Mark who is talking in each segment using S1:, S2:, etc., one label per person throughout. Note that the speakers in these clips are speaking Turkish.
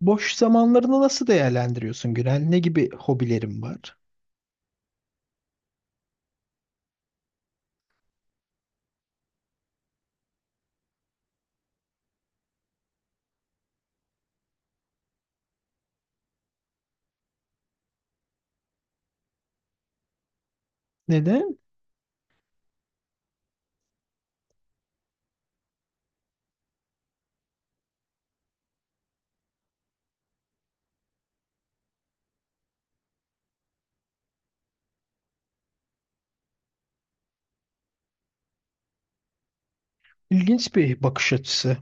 S1: Boş zamanlarını nasıl değerlendiriyorsun Günel? Ne gibi hobilerin var? Neden? İlginç bir bakış açısı.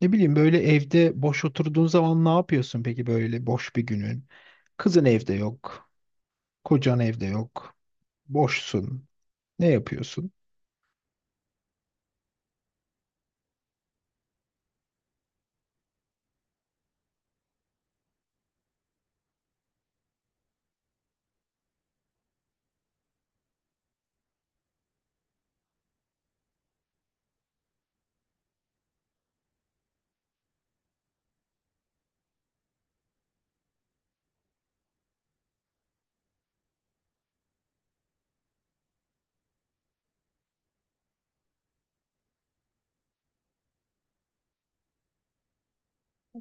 S1: Ne bileyim böyle evde boş oturduğun zaman ne yapıyorsun peki böyle boş bir günün? Kızın evde yok, kocan evde yok, boşsun. Ne yapıyorsun?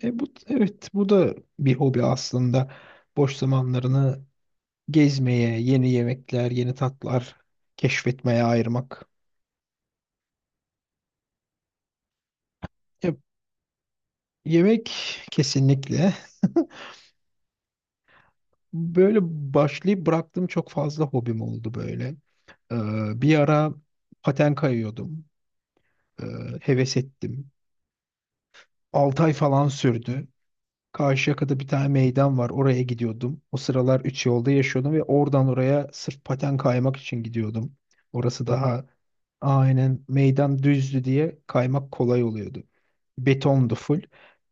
S1: E bu evet, bu da bir hobi aslında. Boş zamanlarını gezmeye, yeni yemekler, yeni tatlar keşfetmeye ayırmak. E, yemek kesinlikle. Böyle başlayıp bıraktığım çok fazla hobim oldu böyle. Bir ara paten kayıyordum. Ee, Heves ettim. 6 ay falan sürdü. Karşıyaka'da bir tane meydan var. Oraya gidiyordum. O sıralar üç yolda yaşıyordum ve oradan oraya sırf paten kaymak için gidiyordum. Orası daha aynen, meydan düzdü diye kaymak kolay oluyordu. Betondu full.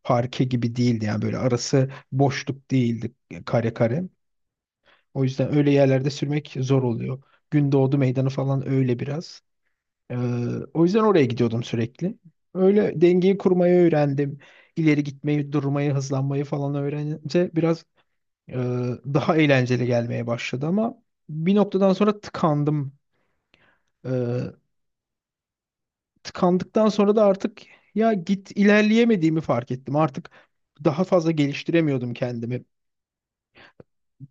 S1: Parke gibi değildi yani, böyle arası boşluk değildi, kare kare. O yüzden öyle yerlerde sürmek zor oluyor. Gündoğdu meydanı falan öyle biraz. Ee, O yüzden oraya gidiyordum sürekli. Öyle dengeyi kurmayı öğrendim. İleri gitmeyi, durmayı, hızlanmayı falan öğrenince biraz e, daha eğlenceli gelmeye başladı ama bir noktadan sonra tıkandım. Ee, Tıkandıktan sonra da artık ya git ilerleyemediğimi fark ettim. Artık daha fazla geliştiremiyordum kendimi.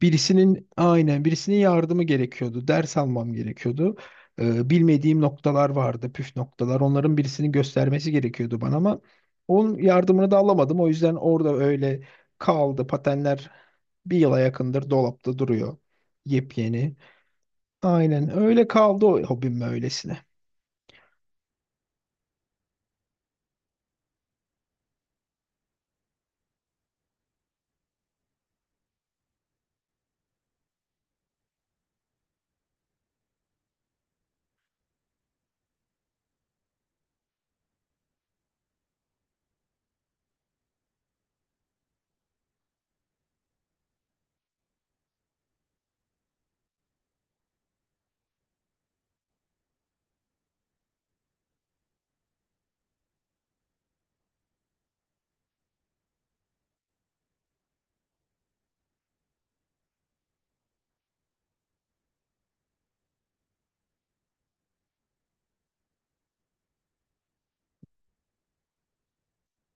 S1: Birisinin yardımı gerekiyordu. Ders almam gerekiyordu. Bilmediğim noktalar vardı, püf noktalar. Onların, birisinin göstermesi gerekiyordu bana ama onun yardımını da alamadım. O yüzden orada öyle kaldı. Patenler bir yıla yakındır dolapta duruyor. Yepyeni. Aynen öyle kaldı o hobim öylesine.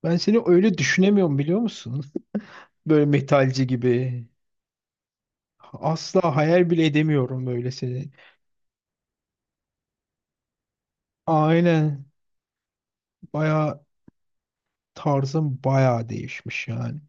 S1: Ben seni öyle düşünemiyorum, biliyor musun? Böyle metalci gibi. Asla hayal bile edemiyorum böyle seni. Aynen. Baya, tarzın baya değişmiş yani.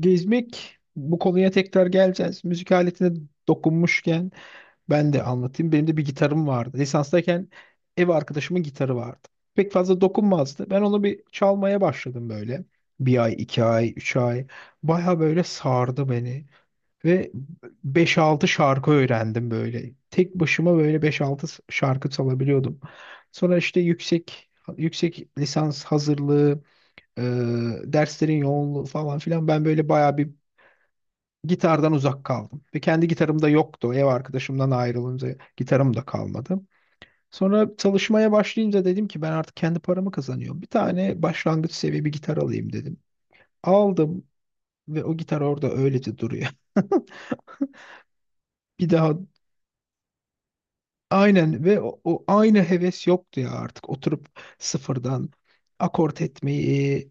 S1: Gezmek, bu konuya tekrar geleceğiz. Müzik aletine dokunmuşken ben de anlatayım. Benim de bir gitarım vardı. Lisanstayken ev arkadaşımın gitarı vardı. Pek fazla dokunmazdı. Ben onu bir çalmaya başladım böyle. Bir ay, iki ay, üç ay. Baya böyle sardı beni. Ve beş-altı şarkı öğrendim böyle. Tek başıma böyle beş-altı şarkı çalabiliyordum. Sonra işte yüksek lisans hazırlığı, e, derslerin yoğunluğu falan filan, ben böyle bayağı bir gitardan uzak kaldım. Ve kendi gitarım da yoktu. Ev arkadaşımdan ayrılınca gitarım da kalmadı. Sonra çalışmaya başlayınca dedim ki ben artık kendi paramı kazanıyorum. Bir tane başlangıç seviye bir gitar alayım dedim. Aldım ve o gitar orada öylece duruyor. Bir daha aynen, ve o aynı heves yoktu ya, artık oturup sıfırdan akort etmeyi,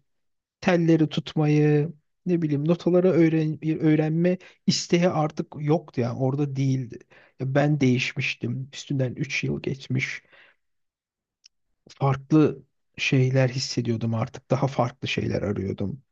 S1: telleri tutmayı, ne bileyim notaları öğrenme isteği artık yoktu, yani orada değildi. Ya ben değişmiştim. Üstünden 3 yıl geçmiş. Farklı şeyler hissediyordum artık. Daha farklı şeyler arıyordum.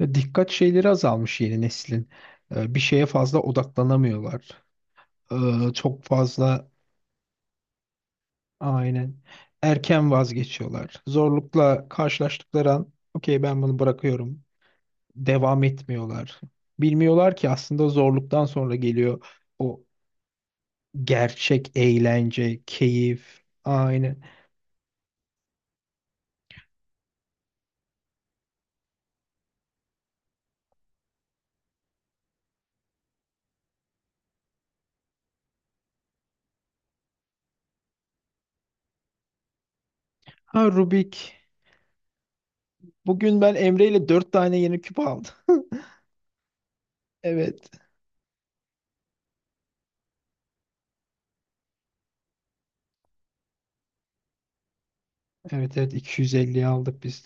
S1: Dikkat şeyleri azalmış yeni neslin. Bir şeye fazla odaklanamıyorlar. Çok fazla aynen, erken vazgeçiyorlar. Zorlukla karşılaştıkları an okey ben bunu bırakıyorum, devam etmiyorlar. Bilmiyorlar ki aslında zorluktan sonra geliyor o gerçek eğlence, keyif. Aynen. Ha, Rubik. Bugün ben Emre ile 4 tane yeni küp aldım. Evet. Evet, evet, 250'ye aldık biz.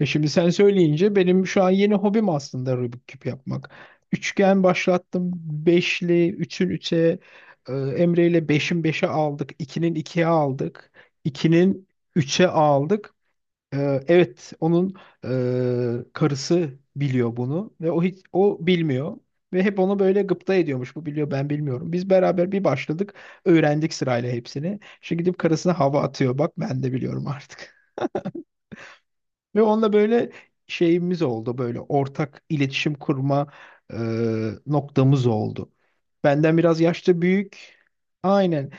S1: E şimdi sen söyleyince benim şu an yeni hobim aslında Rubik küp yapmak. Üçgen başlattım. Beşli, üçün üçe, Emre ile beşin beşe aldık. İkinin ikiye aldık. ikinin Üçe aldık. Evet, onun karısı biliyor bunu ve o hiç, o bilmiyor ve hep onu böyle gıpta ediyormuş. Bu biliyor, ben bilmiyorum. Biz beraber bir başladık, öğrendik sırayla hepsini. Şimdi gidip karısına hava atıyor. Bak, ben de biliyorum artık. Ve onunla böyle şeyimiz oldu, böyle ortak iletişim kurma e, noktamız oldu. Benden biraz yaşça büyük. Aynen.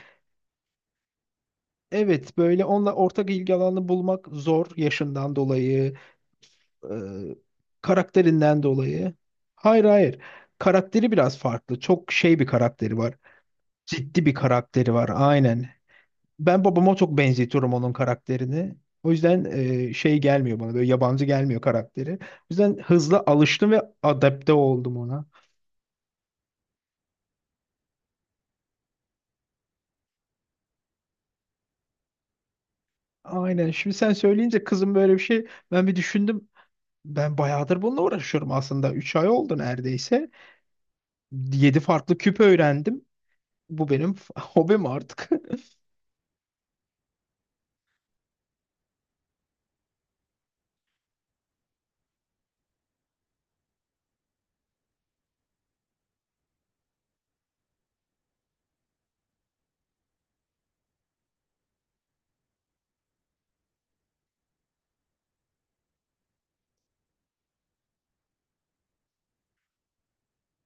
S1: Evet, böyle onunla ortak ilgi alanı bulmak zor, yaşından dolayı, e, karakterinden dolayı. Hayır, hayır. Karakteri biraz farklı. Çok şey bir karakteri var. Ciddi bir karakteri var. Aynen. Ben babama çok benzetiyorum onun karakterini. O yüzden şey gelmiyor bana. Böyle yabancı gelmiyor karakteri. O yüzden hızlı alıştım ve adapte oldum ona. Aynen. Şimdi sen söyleyince kızım, böyle bir şey. Ben bir düşündüm. Ben bayağıdır bununla uğraşıyorum aslında. 3 ay oldu neredeyse. 7 farklı küp öğrendim. Bu benim hobim artık.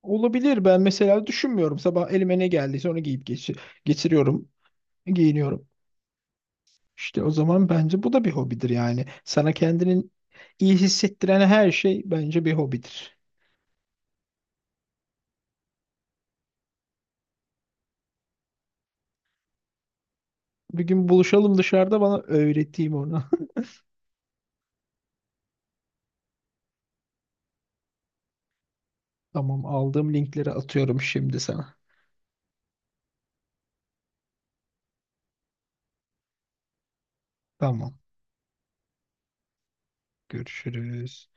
S1: Olabilir. Ben mesela düşünmüyorum. Sabah elime ne geldiyse onu giyip geçiriyorum, giyiniyorum. İşte o zaman bence bu da bir hobidir yani. Sana kendini iyi hissettiren her şey bence bir hobidir. Bir gün buluşalım dışarıda, bana öğreteyim onu. Tamam, aldığım linkleri atıyorum şimdi sana. Tamam. Görüşürüz.